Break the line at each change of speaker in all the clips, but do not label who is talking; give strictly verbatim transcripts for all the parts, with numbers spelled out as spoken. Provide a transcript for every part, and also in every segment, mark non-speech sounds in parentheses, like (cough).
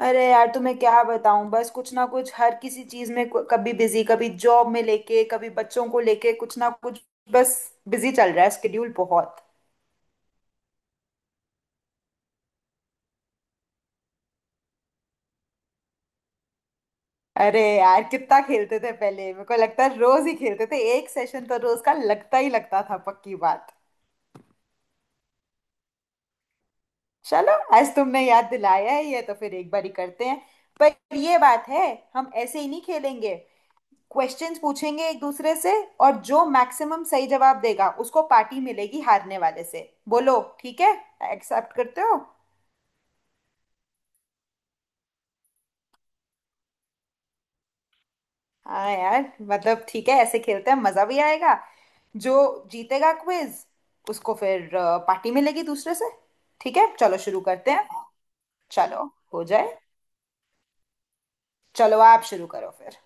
अरे यार, तुम्हें क्या बताऊं। बस कुछ ना कुछ। हर किसी चीज में कु- कभी बिजी, कभी जॉब में लेके, कभी बच्चों को लेके कुछ ना कुछ। बस बिजी चल रहा है। स्केड्यूल बहुत। अरे यार, कितना खेलते थे पहले। मेरे को लगता है रोज ही खेलते थे। एक सेशन तो रोज का लगता ही लगता था, पक्की बात। चलो, आज तुमने याद दिलाया है, ये तो फिर एक बार ही करते हैं। पर ये बात है, हम ऐसे ही नहीं खेलेंगे। क्वेश्चंस पूछेंगे एक दूसरे से, और जो मैक्सिमम सही जवाब देगा उसको पार्टी मिलेगी हारने वाले से। बोलो, ठीक है? एक्सेप्ट करते हो? हाँ यार, मतलब ठीक है, ऐसे खेलते हैं, मजा भी आएगा। जो जीतेगा क्विज, उसको फिर अ, पार्टी मिलेगी दूसरे से। ठीक है, चलो शुरू करते हैं। चलो। हो जाए। चलो आप शुरू करो फिर।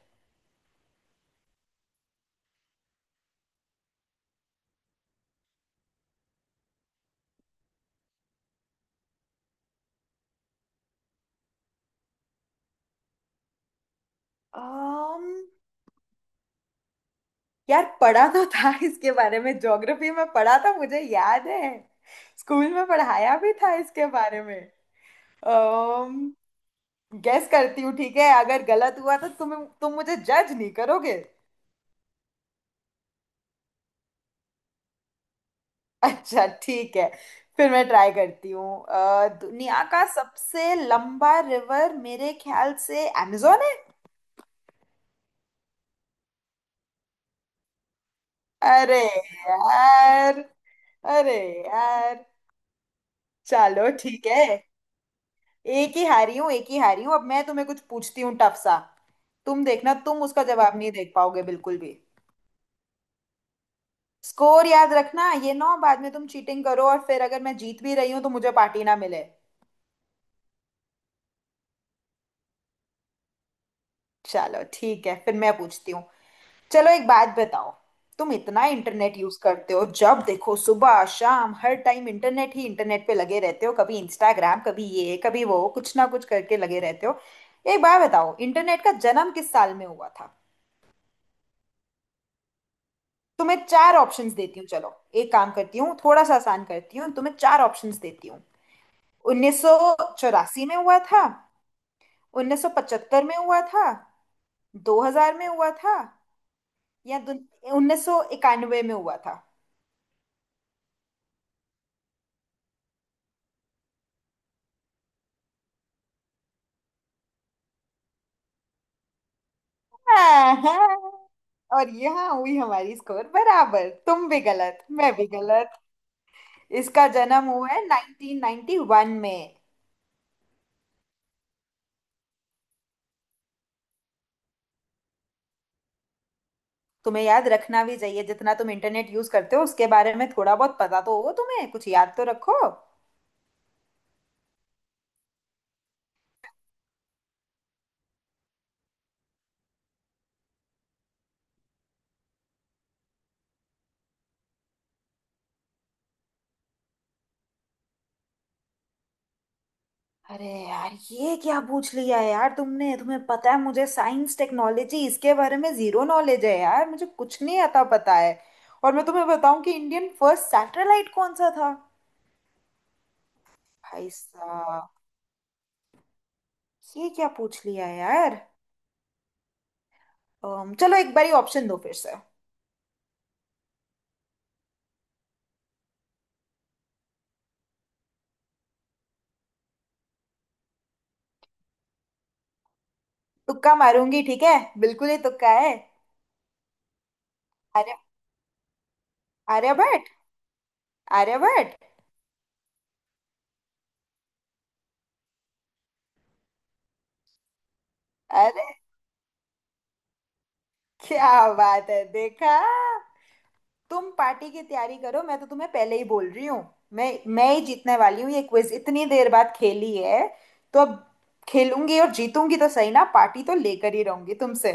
um, यार, पढ़ा तो था इसके बारे में। ज्योग्राफी में पढ़ा था, मुझे याद है। स्कूल में पढ़ाया भी था इसके बारे में। गेस करती हूँ, ठीक है? अगर गलत हुआ तो तुम तुम मुझे जज नहीं करोगे। अच्छा, ठीक है। फिर मैं ट्राई करती हूँ। अ, दुनिया का सबसे लंबा रिवर मेरे ख्याल से amazon है। अरे यार। अरे यार। चलो ठीक है। एक ही हारी हूँ, एक ही हारी हूँ। अब मैं तुम्हें कुछ पूछती हूँ टफ सा। तुम देखना, तुम उसका जवाब नहीं देख पाओगे बिल्कुल भी। स्कोर याद रखना, ये ना हो बाद में तुम चीटिंग करो और फिर अगर मैं जीत भी रही हूँ तो मुझे पार्टी ना मिले। चलो ठीक है, फिर मैं पूछती हूँ। चलो, एक बात बताओ। तुम इतना इंटरनेट यूज करते हो, जब देखो सुबह शाम हर टाइम इंटरनेट ही इंटरनेट पे लगे रहते हो। कभी इंस्टाग्राम, कभी ये, कभी वो, कुछ ना कुछ करके लगे रहते हो। एक बात बताओ, इंटरनेट का जन्म किस साल में हुआ था? तुम्हें चार ऑप्शंस देती हूँ, चलो। एक काम करती हूँ, थोड़ा सा आसान करती हूँ, तुम्हें चार ऑप्शंस देती हूँ। उन्नीस सौ चौरासी में हुआ था, उन्नीस सौ पचहत्तर में हुआ था, दो हज़ार में हुआ था, यह उन्नीस सौ इक्यानवे में हुआ था। (laughs) हाँ, और यहाँ हुई हमारी स्कोर बराबर, तुम भी गलत, मैं भी गलत। इसका जन्म हुआ है नाइनटीन नाइनटी वन में। तुम्हें याद रखना भी चाहिए, जितना तुम इंटरनेट यूज करते हो उसके बारे में थोड़ा बहुत पता तो हो, तुम्हें कुछ याद तो रखो। अरे यार, ये क्या पूछ लिया यार तुमने। तुम्हें पता है, मुझे साइंस टेक्नोलॉजी, इसके बारे में जीरो नॉलेज है यार। मुझे कुछ नहीं आता पता है। और मैं तुम्हें बताऊं कि इंडियन फर्स्ट सैटेलाइट कौन सा था? भाई साहब, ये क्या पूछ लिया यार। अम, चलो एक बारी ऑप्शन दो फिर से। तुक्का मारूंगी, ठीक है। बिल्कुल ही तुक्का है। आर्य, आर्यभट्ट। आर्यभट्ट। अरे क्या बात है, देखा? तुम पार्टी की तैयारी करो, मैं तो तुम्हें पहले ही बोल रही हूँ। मैं मैं ही जीतने वाली हूँ ये क्विज। इतनी देर बाद खेली है, तो अब खेलूंगी और जीतूंगी तो सही ना, पार्टी तो लेकर ही रहूंगी तुमसे।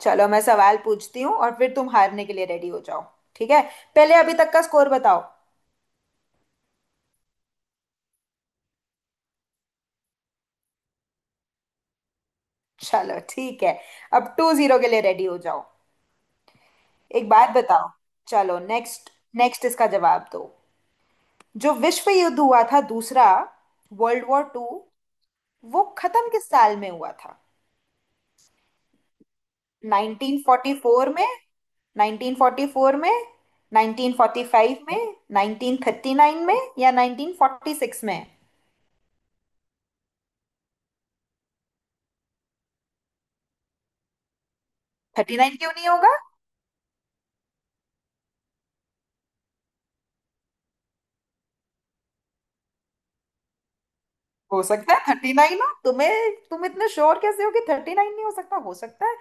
चलो मैं सवाल पूछती हूँ, और फिर तुम हारने के लिए रेडी हो जाओ। ठीक है, पहले अभी तक का स्कोर बताओ। चलो ठीक है, अब टू जीरो के लिए रेडी हो जाओ। एक बात बताओ, चलो नेक्स्ट। नेक्स्ट इसका जवाब दो, जो विश्व युद्ध हुआ था दूसरा, वर्ल्ड वॉर टू, वो खत्म किस साल में हुआ था? नाइनटीन फोर्टी फोर में, नाइनटीन फोर्टी फोर में, नाइनटीन फोर्टी फाइव में, नाइनटीन थर्टी नाइन में या नाइनटीन फोर्टी सिक्स में? थर्टी नाइन क्यों नहीं होगा? हो सकता है थर्टी नाइन हो। तुम्हें, तुम इतने श्योर कैसे हो कि थर्टी नाइन नहीं, हो सकता हो सकता है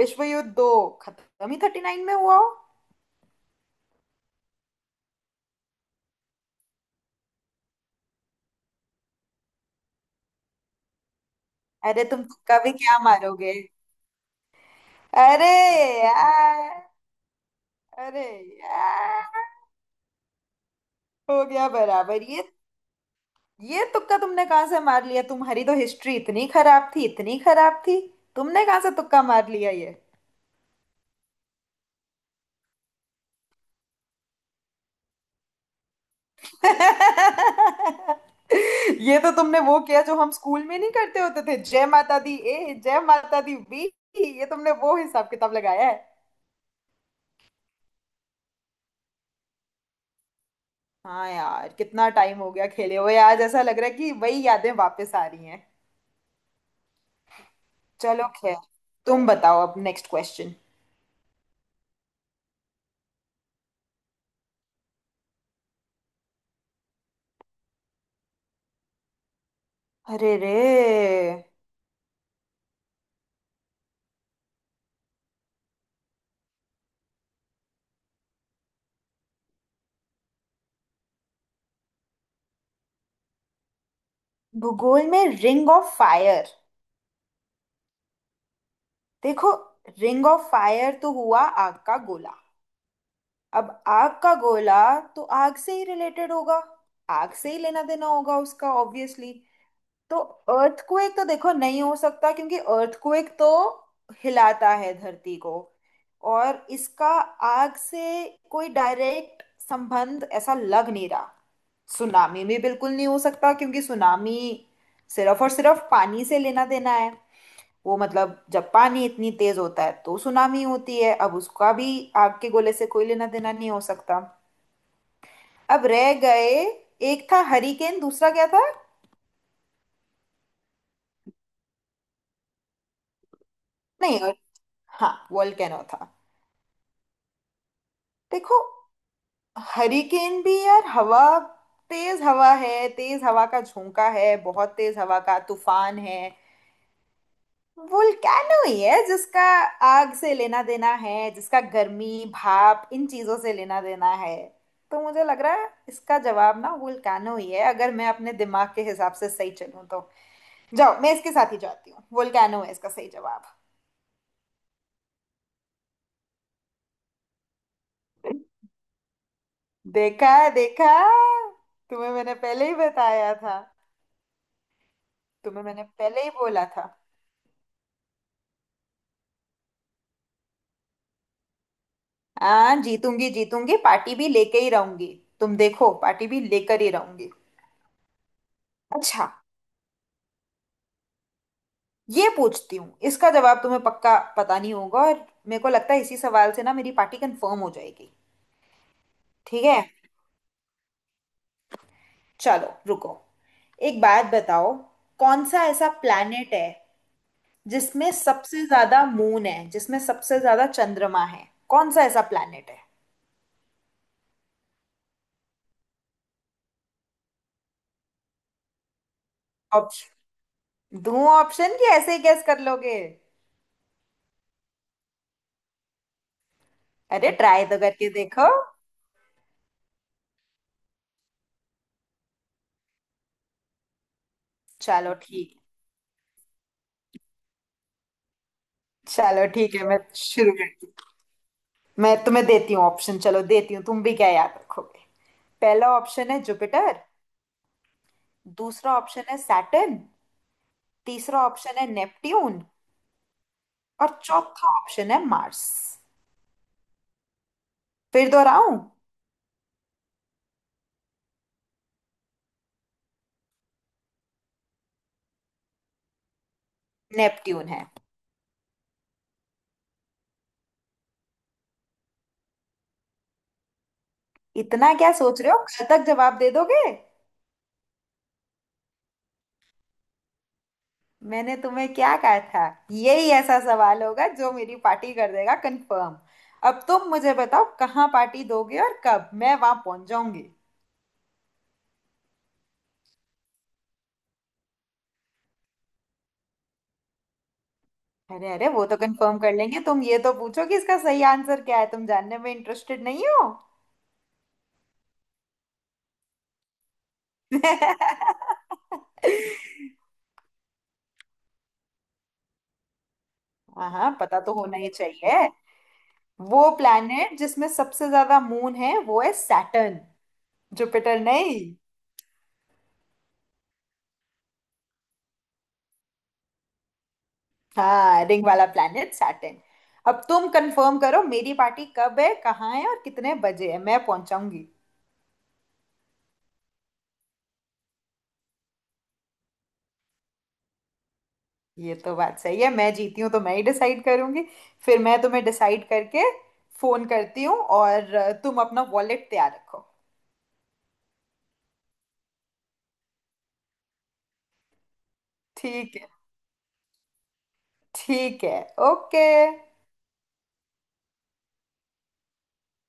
विश्व युद्ध दो खत्म ही थर्टी नाइन में हुआ हो। अरे तुम तुक्का भी क्या मारोगे। अरे यार। अरे यार। हो गया बराबर। ये ये तुक्का तुमने कहाँ से मार लिया? तुम्हारी तो हिस्ट्री इतनी खराब थी, इतनी खराब थी। तुमने कहाँ से तुक्का मार लिया ये? (laughs) ये तो तुमने वो किया जो हम स्कूल में नहीं करते होते थे, जय माता दी ए, जय माता दी बी। ये तुमने वो हिसाब किताब लगाया है। हाँ यार, कितना टाइम हो गया खेले हुए। आज ऐसा लग रहा है कि वही यादें वापस आ रही हैं। चलो खैर, तुम बताओ अब नेक्स्ट क्वेश्चन। अरे रे, भूगोल में रिंग ऑफ फायर। देखो, रिंग ऑफ फायर तो हुआ आग का गोला। अब आग का गोला तो आग से ही रिलेटेड होगा, आग से ही लेना देना होगा उसका, ऑब्वियसली। तो अर्थक्वेक तो देखो नहीं हो सकता, क्योंकि अर्थक्वेक तो हिलाता है धरती को, और इसका आग से कोई डायरेक्ट संबंध ऐसा लग नहीं रहा। सुनामी में बिल्कुल नहीं हो सकता, क्योंकि सुनामी सिर्फ और सिर्फ पानी से लेना देना है। वो मतलब जब पानी इतनी तेज होता है तो सुनामी होती है, अब उसका भी आग के गोले से कोई लेना देना नहीं हो सकता। अब रह गए, एक था हरिकेन, दूसरा क्या था, नहीं और, हाँ वोल्केनो था। देखो, हरिकेन भी यार हवा, तेज हवा है, तेज हवा का झोंका है, बहुत तेज हवा का तूफान है। वोल्केनो ही है जिसका आग से लेना देना है, जिसका गर्मी भाप इन चीजों से लेना देना है। तो मुझे लग रहा है इसका जवाब ना वोल्केनो ही है, अगर मैं अपने दिमाग के हिसाब से सही चलूं तो। जाओ, मैं इसके साथ ही जाती हूँ, वोल्केनो है इसका सही जवाब। देखा, देखा? तुम्हें मैंने पहले ही बताया था। तुम्हें मैंने पहले ही बोला था। हाँ, जीतूंगी जीतूंगी, पार्टी भी लेके ही रहूंगी। तुम देखो, पार्टी भी लेकर ही रहूंगी। अच्छा, ये पूछती हूँ, इसका जवाब तुम्हें पक्का पता नहीं होगा, और मेरे को लगता है इसी सवाल से ना मेरी पार्टी कंफर्म हो जाएगी। ठीक है चलो, रुको। एक बात बताओ, कौन सा ऐसा प्लैनेट है जिसमें सबसे ज्यादा मून है, जिसमें सबसे ज्यादा चंद्रमा है, कौन सा ऐसा प्लैनेट है? ऑप्शन दूं? ऑप्शन कि ऐसे ही गैस कर लोगे? अरे ट्राई तो करके देखो। चलो ठीक। चलो ठीक है, मैं शुरू करती हूँ। मैं तुम्हें देती हूँ ऑप्शन, चलो देती हूँ, तुम भी क्या याद रखोगे। पहला ऑप्शन है जुपिटर। दूसरा ऑप्शन है सैटर्न। तीसरा ऑप्शन है नेपट्यून। और चौथा ऑप्शन है मार्स। फिर दोहराऊं? नेपट्यून है। इतना क्या सोच रहे हो, कल तक जवाब दे दोगे? मैंने तुम्हें क्या कहा था, यही ऐसा सवाल होगा जो मेरी पार्टी कर देगा कंफर्म। अब तुम मुझे बताओ कहाँ पार्टी दोगे और कब, मैं वहां पहुंच जाऊंगी। अरे अरे, वो तो कंफर्म कर लेंगे, तुम ये तो पूछो कि इसका सही आंसर क्या है। तुम जानने में इंटरेस्टेड नहीं हो? (laughs) हाँ हाँ, पता तो होना ही चाहिए। वो प्लैनेट जिसमें सबसे ज्यादा मून है वो है सैटर्न, जुपिटर नहीं। हाँ, रिंग वाला प्लैनेट सैटर्न। अब तुम कंफर्म करो मेरी पार्टी कब है, कहाँ है और कितने बजे है, मैं पहुंचाऊंगी। ये तो बात सही है, मैं जीती हूँ तो मैं ही डिसाइड करूंगी। फिर मैं तुम्हें डिसाइड करके फोन करती हूँ, और तुम अपना वॉलेट तैयार रखो। ठीक है। ठीक है। ओके।